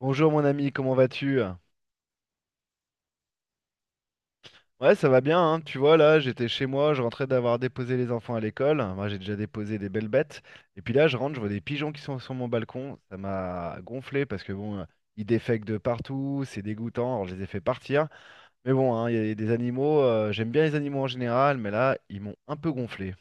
Bonjour mon ami, comment vas-tu? Ouais, ça va bien, hein. Tu vois, là, j'étais chez moi, je rentrais d'avoir déposé les enfants à l'école. Moi, j'ai déjà déposé des belles bêtes. Et puis là, je rentre, je vois des pigeons qui sont sur mon balcon. Ça m'a gonflé parce que bon, ils défèquent de partout, c'est dégoûtant. Alors, je les ai fait partir. Mais bon, hein, il y a des animaux, j'aime bien les animaux en général, mais là, ils m'ont un peu gonflé.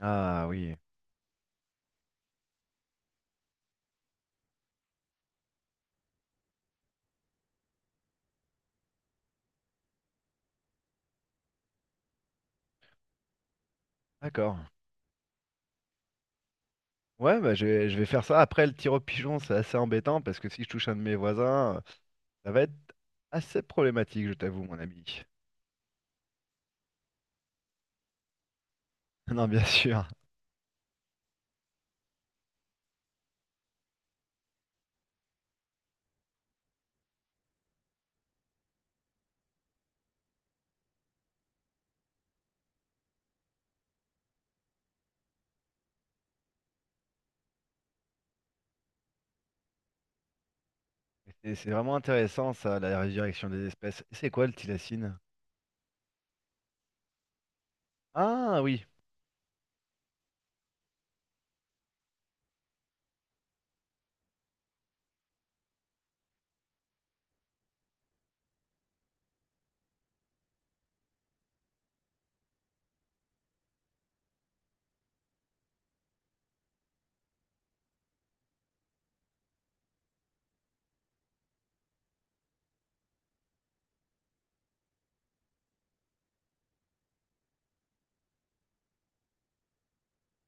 Ah oui, d'accord. Ouais, bah, je vais faire ça. Après, le tir au pigeon, c'est assez embêtant parce que si je touche un de mes voisins, ça va être assez problématique, je t'avoue, mon ami. Non, bien sûr. Et c'est vraiment intéressant, ça, la résurrection des espèces. C'est quoi le thylacine? Ah oui.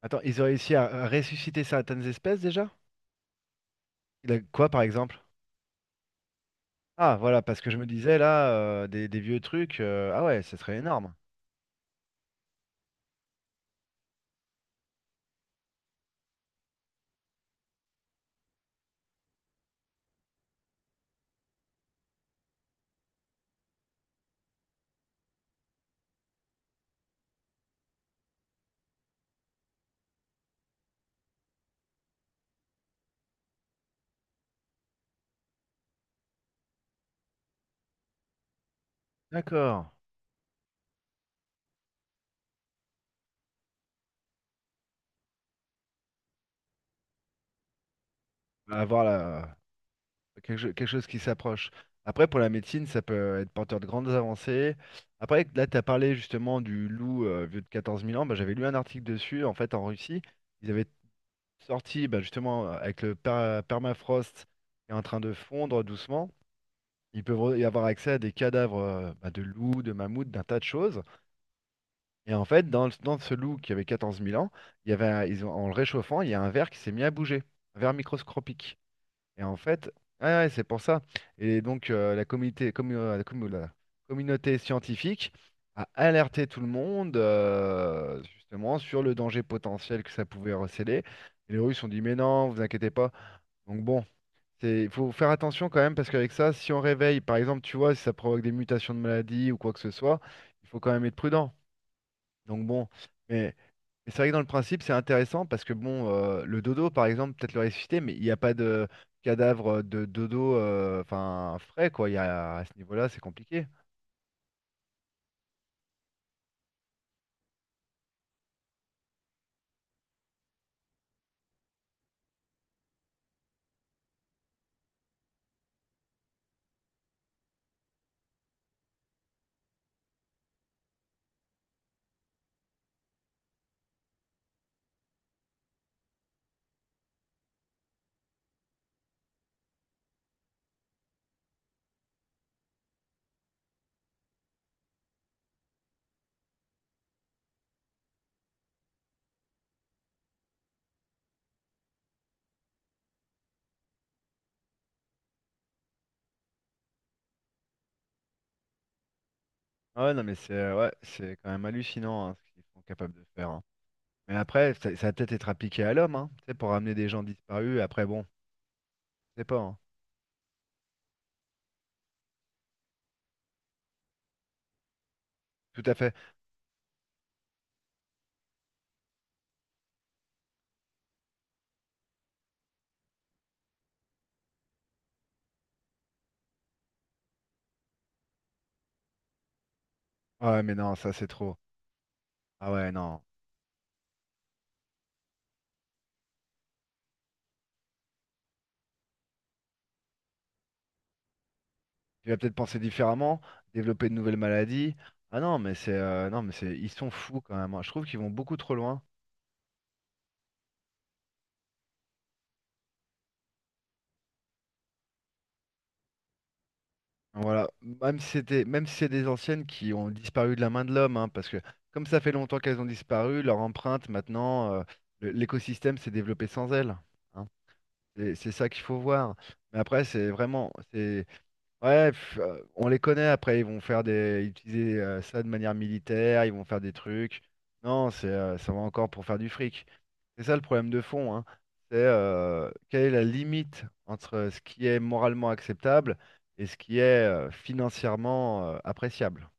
Attends, ils ont réussi à ressusciter certaines espèces déjà? Il a quoi, par exemple? Ah, voilà, parce que je me disais là, des vieux trucs. Ah ouais, ça serait énorme. D'accord. On va avoir la, quelque chose qui s'approche. Après, pour la médecine, ça peut être porteur de grandes avancées. Après, là, tu as parlé justement du loup vieux de 14 000 ans. Bah, j'avais lu un article dessus. En fait, en Russie, ils avaient sorti bah, justement avec le permafrost qui est en train de fondre doucement. Ils peuvent y avoir accès à des cadavres bah, de loups, de mammouths, d'un tas de choses. Et en fait, dans ce loup qui avait 14 000 ans, il y avait, en le réchauffant, il y a un ver qui s'est mis à bouger, un ver microscopique. Et en fait, ouais, ouais, c'est pour ça. Et donc, la communauté, commu- la commu- la communauté scientifique a alerté tout le monde, justement, sur le danger potentiel que ça pouvait recéler. Et les Russes ont dit, mais non, vous inquiétez pas. Donc bon, il faut faire attention quand même, parce qu'avec ça, si on réveille, par exemple, tu vois, si ça provoque des mutations de maladies ou quoi que ce soit, il faut quand même être prudent. Donc bon, mais c'est vrai que dans le principe, c'est intéressant parce que bon, le dodo, par exemple, peut-être le ressusciter, mais il n'y a pas de cadavre de dodo, enfin frais quoi. Il y a, à ce niveau-là, c'est compliqué. Ah ouais, non, mais c'est ouais, c'est quand même hallucinant hein, ce qu'ils sont capables de faire. Hein. Mais après, ça va peut-être être appliqué à l'homme, hein, tu sais, pour ramener des gens disparus. Après, bon, je sais pas. Hein. Tout à fait. Ah ouais, mais non, ça c'est trop. Ah ouais, non. Tu vas peut-être penser différemment, développer de nouvelles maladies. Ah non, mais c'est non, mais c'est ils sont fous quand même. Hein. Je trouve qu'ils vont beaucoup trop loin. Voilà, même si c'est des anciennes qui ont disparu de la main de l'homme, hein, parce que comme ça fait longtemps qu'elles ont disparu, leur empreinte maintenant, l'écosystème s'est développé sans elles. Hein. C'est ça qu'il faut voir. Mais après, c'est vraiment, c'est Ouais, on les connaît après, ils vont faire des, utiliser ça de manière militaire, ils vont faire des trucs. Non, ça va encore pour faire du fric. C'est ça le problème de fond, hein. C'est quelle est la limite entre ce qui est moralement acceptable et ce qui est financièrement appréciable.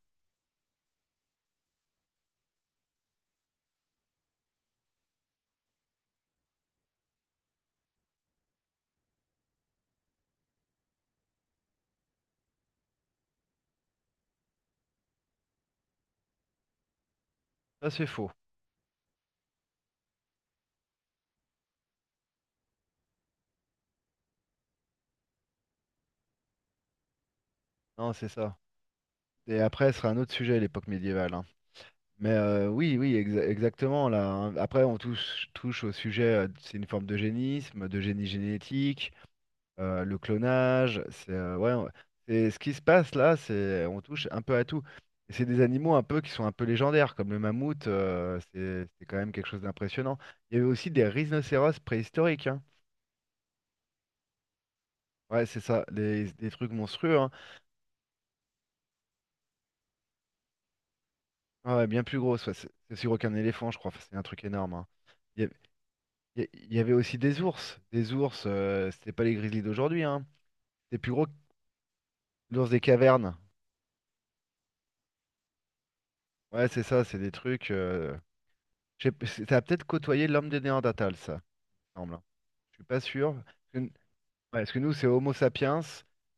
Ça, c'est faux. Non, c'est ça. Et après, ce sera un autre sujet, l'époque médiévale. Hein. Mais oui, oui, exactement. Là, hein. Après, on touche au sujet, c'est une forme d'eugénisme, de génie génétique. Le clonage, c'est ouais, c'est ce qui se passe là, c'est on touche un peu à tout. Et c'est des animaux un peu qui sont un peu légendaires, comme le mammouth, c'est quand même quelque chose d'impressionnant. Il y avait aussi des rhinocéros préhistoriques, hein. Ouais, c'est ça, des trucs monstrueux, hein. Ah ouais, bien plus gros, c'est aussi gros qu'un éléphant, je crois, enfin, c'est un truc énorme, hein. Il y, a- il y avait aussi des ours, c'était pas les grizzlies d'aujourd'hui, hein. C'était plus gros que l'ours des cavernes. Ouais, c'est ça, c'est des trucs. Je sais p- c'est- ça a peut-être côtoyé l'homme des Néandertals, ça. Semble, hein. Je suis pas sûr. Parce que, ouais, parce que nous, c'est Homo sapiens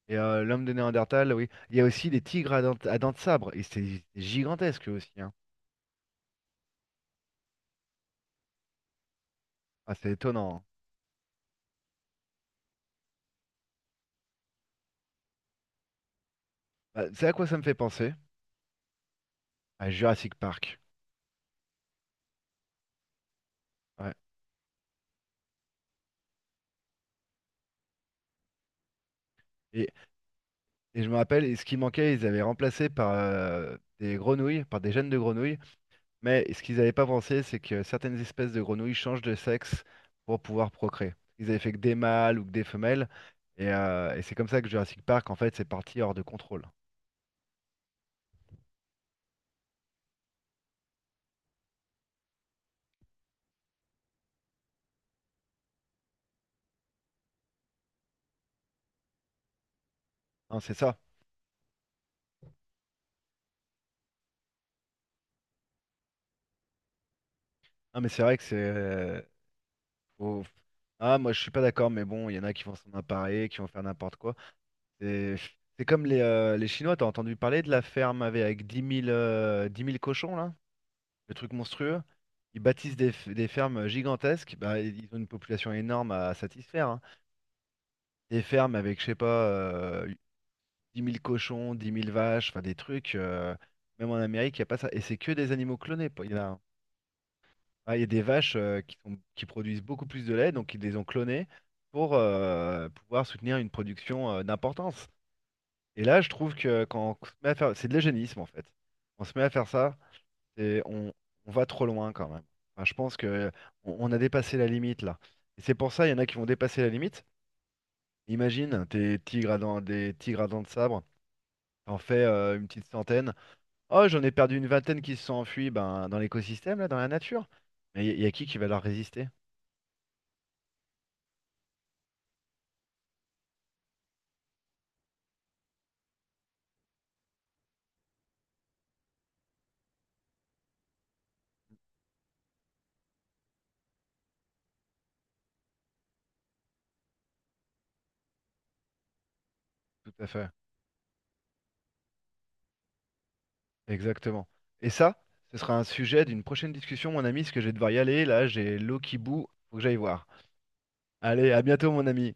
et l'homme de Néandertal, oui. Il y a aussi des tigres à dents, de sabre. Et c'est gigantesque eux aussi. Hein. Ah, c'est étonnant. Hein. Bah, c'est à quoi ça me fait penser? À Jurassic Park. Ouais. Et, et je me rappelle, et ce qui manquait, ils avaient remplacé par des grenouilles, par des gènes de grenouilles. Mais ce qu'ils n'avaient pas pensé, c'est que certaines espèces de grenouilles changent de sexe pour pouvoir procréer. Ils avaient fait que des mâles ou que des femelles. Et c'est comme ça que Jurassic Park, en fait, c'est parti hors de contrôle. Non, c'est ça. Ah mais c'est vrai que c'est. Faut- Ah, moi, je suis pas d'accord, mais bon, il y en a qui vont s'en emparer, qui vont faire n'importe quoi. C'est c'est comme les Chinois, t'as entendu parler de la ferme avec 10 000, 10 000 cochons, là? Le truc monstrueux. Ils bâtissent des fermes gigantesques. Bah, ils ont une population énorme à satisfaire. Hein. Des fermes avec, je sais pas, 10 000 cochons, 10 000 vaches, enfin des trucs. Même en Amérique, il n'y a pas ça. Et c'est que des animaux clonés. Il y en a. hein. Ah, il y a des vaches qui produisent beaucoup plus de lait, donc ils les ont clonées pour pouvoir soutenir une production d'importance. Et là, je trouve que quand on se met à faire, c'est de l'eugénisme en fait. On se met à faire ça, et on va trop loin quand même. Enfin, je pense que on a dépassé la limite là. Et c'est pour ça, il y en a qui vont dépasser la limite. Imagine, tes tigres à dents, des tigres à dents de sabre, t'en fais une petite centaine. Oh, j'en ai perdu une vingtaine qui se sont enfuis ben, dans l'écosystème là, dans la nature. Mais il y a qui va leur résister? Tout à fait. Exactement. Et ça, ce sera un sujet d'une prochaine discussion, mon ami, parce que je vais devoir y aller. Là, j'ai l'eau qui bout, faut que j'aille voir. Allez, à bientôt, mon ami.